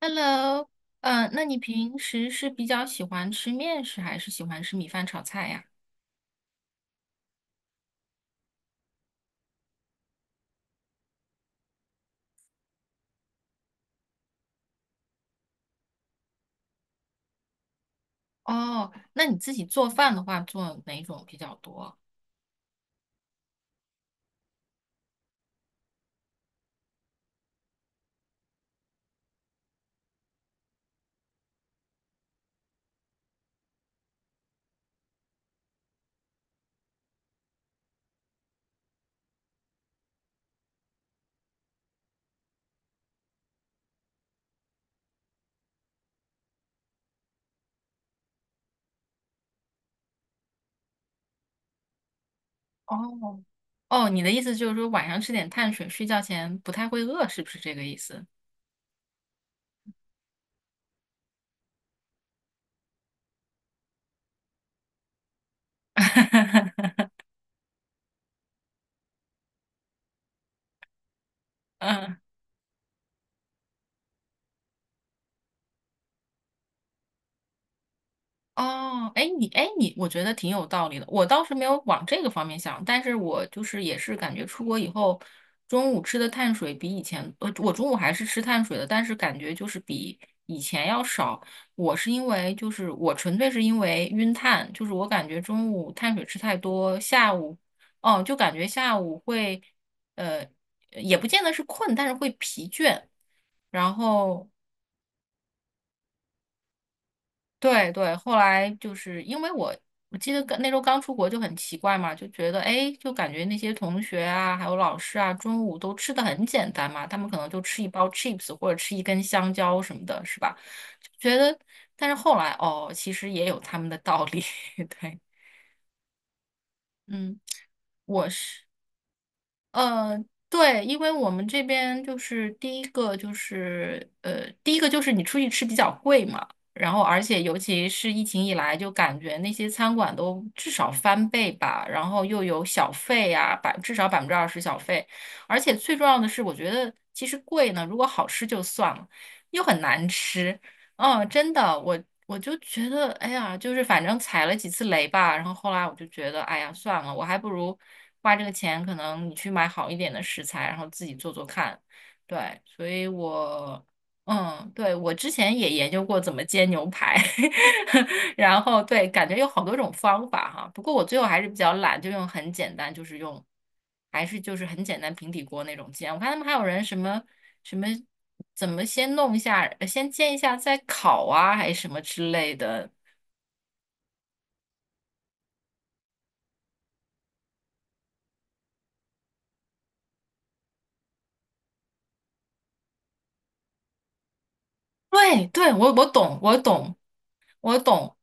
Hello，那你平时是比较喜欢吃面食，还是喜欢吃米饭炒菜呀？哦，那你自己做饭的话，做哪种比较多？哦，哦，你的意思就是说晚上吃点碳水，睡觉前不太会饿，是不是这个意思？嗯哦，哎，你，我觉得挺有道理的。我倒是没有往这个方面想，但是我就是也是感觉出国以后，中午吃的碳水比以前，我中午还是吃碳水的，但是感觉就是比以前要少。我是因为就是我纯粹是因为晕碳，就是我感觉中午碳水吃太多，下午，哦，就感觉下午会，呃，也不见得是困，但是会疲倦。然后对对，后来就是因为我记得刚那时候刚出国就很奇怪嘛，就觉得哎，诶就感觉那些同学啊，还有老师啊，中午都吃的很简单嘛，他们可能就吃一包 chips 或者吃一根香蕉什么的，是吧？就觉得，但是后来哦，其实也有他们的道理，对，嗯，我是。呃，对，因为我们这边就是第一个就是你出去吃比较贵嘛，然后而且尤其是疫情以来，就感觉那些餐馆都至少翻倍吧，然后又有小费呀、至少20%小费，而且最重要的是，我觉得其实贵呢，如果好吃就算了，又很难吃，嗯，真的，我就觉得，哎呀，就是反正踩了几次雷吧，然后后来我就觉得，哎呀，算了，我还不如花这个钱，可能你去买好一点的食材，然后自己做做看。对，所以我嗯，对，我之前也研究过怎么煎牛排，然后对，感觉有好多种方法哈。不过我最后还是比较懒，就用很简单，就是用，还是就是很简单平底锅那种煎。我看他们还有人什么，怎么先弄一下，先煎一下再烤啊，还是什么之类的。对对，我懂，我懂，我懂。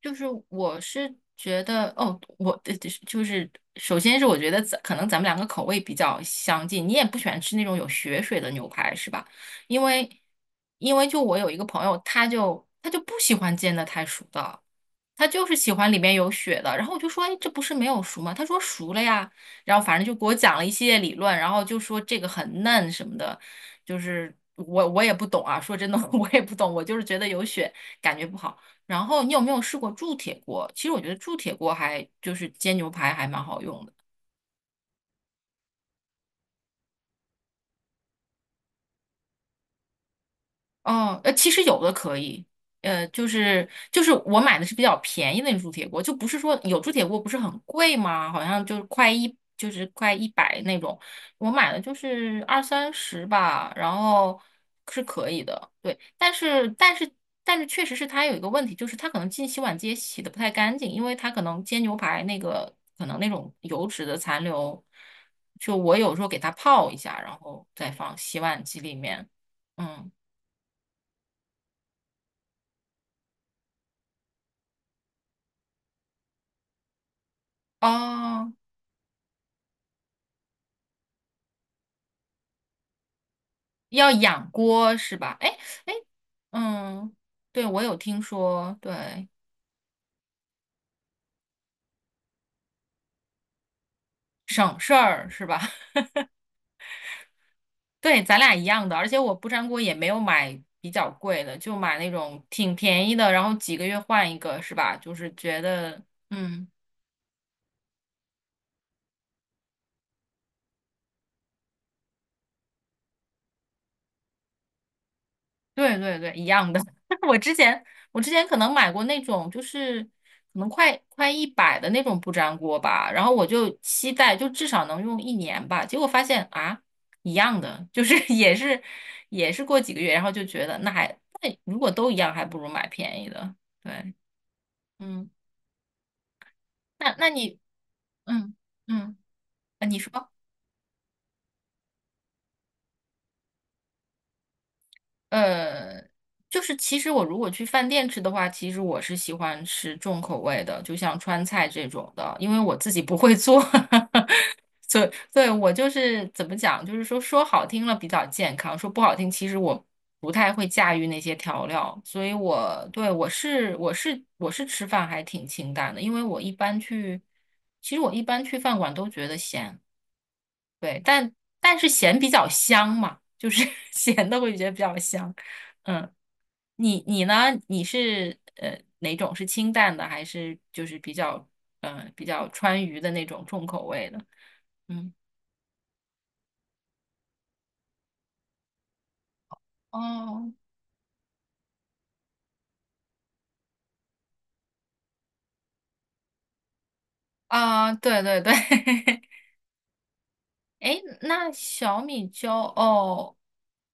就是我是觉得哦，我的就是首先是我觉得可能咱们两个口味比较相近，你也不喜欢吃那种有血水的牛排是吧？因为因为就我有一个朋友，他就不喜欢煎的太熟的，他就是喜欢里面有血的。然后我就说，哎，这不是没有熟吗？他说熟了呀。然后反正就给我讲了一系列理论，然后就说这个很嫩什么的，就是我也不懂啊。说真的 我也不懂，我就是觉得有血感觉不好。然后你有没有试过铸铁锅？其实我觉得铸铁锅还就是煎牛排还蛮好用的。哦，其实有的可以，就是我买的是比较便宜的那种铸铁锅，就不是说有铸铁锅不是很贵吗？好像就是快一百那种，我买的就是二三十吧，然后是可以的，对，但是确实是它有一个问题，就是它可能进洗碗机也洗的不太干净，因为它可能煎牛排那个可能那种油脂的残留，就我有时候给它泡一下，然后再放洗碗机里面，嗯。哦，要养锅是吧？哎哎，嗯，对，我有听说，对，省事儿是吧？对，咱俩一样的，而且我不粘锅也没有买比较贵的，就买那种挺便宜的，然后几个月换一个是吧？就是觉得，嗯。对对对，一样的。我之前我之前可能买过那种，就是可能快一百的那种不粘锅吧，然后我就期待就至少能用1年吧，结果发现啊，一样的，就是 也是过几个月，然后就觉得那如果都一样，还不如买便宜的。对，嗯，那你嗯嗯，啊你说。呃，就是其实我如果去饭店吃的话，其实我是喜欢吃重口味的，就像川菜这种的，因为我自己不会做，所以对我就是怎么讲，就是说说好听了比较健康，说不好听，其实我不太会驾驭那些调料，所以我对，我是吃饭还挺清淡的，因为我一般去，其实我一般去饭馆都觉得咸。对，但是咸比较香嘛，就是 咸的会觉得比较香。嗯，你呢？你是哪种是清淡的，还是就是比较川渝的那种重口味的？嗯，哦，啊，对对对，诶，那小米椒哦，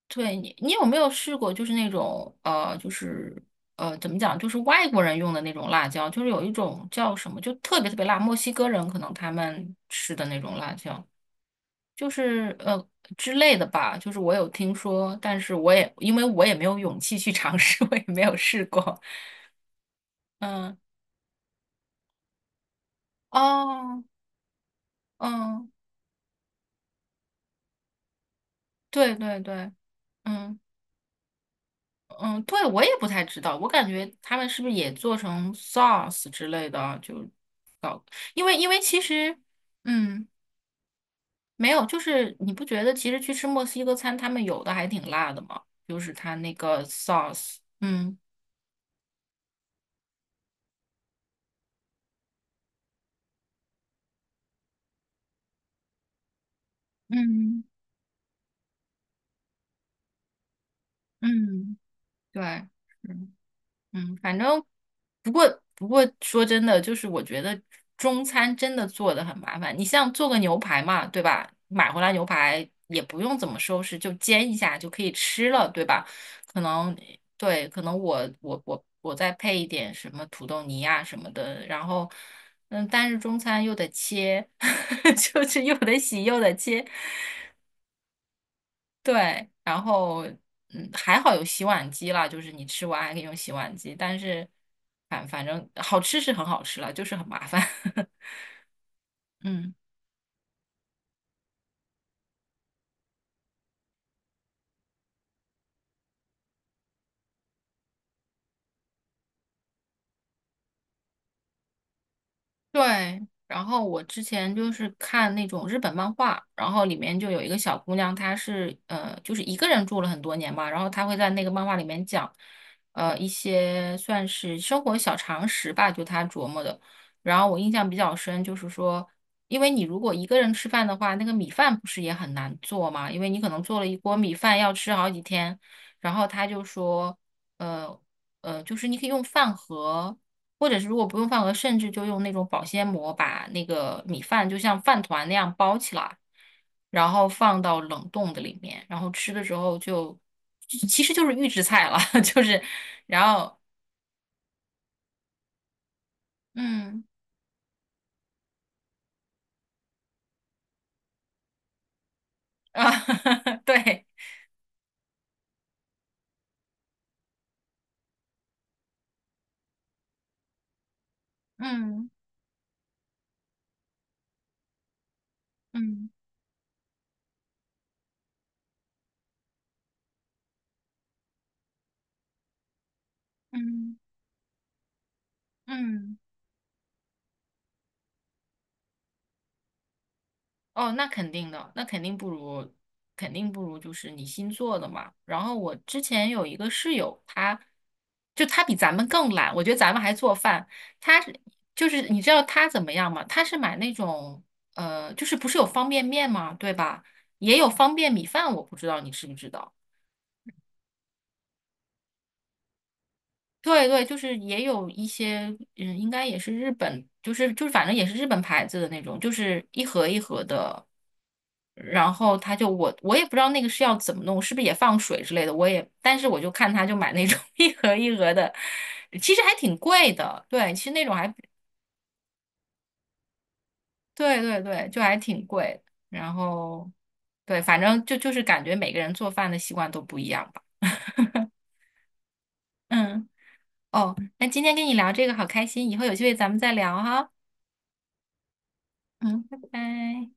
对，你有没有试过？就是那种就是怎么讲？就是外国人用的那种辣椒，就是有一种叫什么，就特别特别辣，墨西哥人可能他们吃的那种辣椒，就是之类的吧。就是我有听说，但是我也因为我也没有勇气去尝试，我也没有试过。嗯，哦，嗯，对对对，嗯。嗯，对，我也不太知道，我感觉他们是不是也做成 sauce 之类的啊，就搞，因为其实，嗯，没有，就是你不觉得其实去吃墨西哥餐，他们有的还挺辣的吗？就是他那个 sauce，嗯嗯嗯，对。是嗯，反正不过说真的，就是我觉得中餐真的做的很麻烦。你像做个牛排嘛，对吧？买回来牛排也不用怎么收拾，就煎一下就可以吃了，对吧？可能对，可能我再配一点什么土豆泥啊什么的，然后嗯，但是中餐又得切，就是又得洗又得切，对，然后嗯，还好有洗碗机啦，就是你吃完还可以用洗碗机，但是反正好吃是很好吃了，就是很麻烦。嗯。对，然后我之前就是看那种日本漫画，然后里面就有一个小姑娘，她是就是一个人住了很多年嘛，然后她会在那个漫画里面讲，一些算是生活小常识吧，就她琢磨的。然后我印象比较深，就是说，因为你如果一个人吃饭的话，那个米饭不是也很难做嘛，因为你可能做了一锅米饭要吃好几天。然后她就说，呃就是你可以用饭盒。或者是如果不用饭盒，甚至就用那种保鲜膜把那个米饭就像饭团那样包起来，然后放到冷冻的里面，然后吃的时候就其实就是预制菜了，就是然后嗯啊 对嗯嗯嗯嗯。嗯哦，那肯定的，那肯定不如，肯定不如就是你新做的嘛。然后我之前有一个室友，他比咱们更懒，我觉得咱们还做饭，他是就是你知道他怎么样吗？他是买那种就是不是有方便面吗？对吧？也有方便米饭，我不知道你知不知道。对对，就是也有一些，嗯，应该也是日本，就是反正也是日本牌子的那种，就是一盒一盒的，然后他就我也不知道那个是要怎么弄，是不是也放水之类的，我也，但是我就看他就买那种 一盒一盒的，其实还挺贵的，对，其实那种还对对对，就还挺贵的，然后对，反正就是感觉每个人做饭的习惯都不一样吧，嗯，哦，那今天跟你聊这个好开心，以后有机会咱们再聊哈。嗯，拜拜。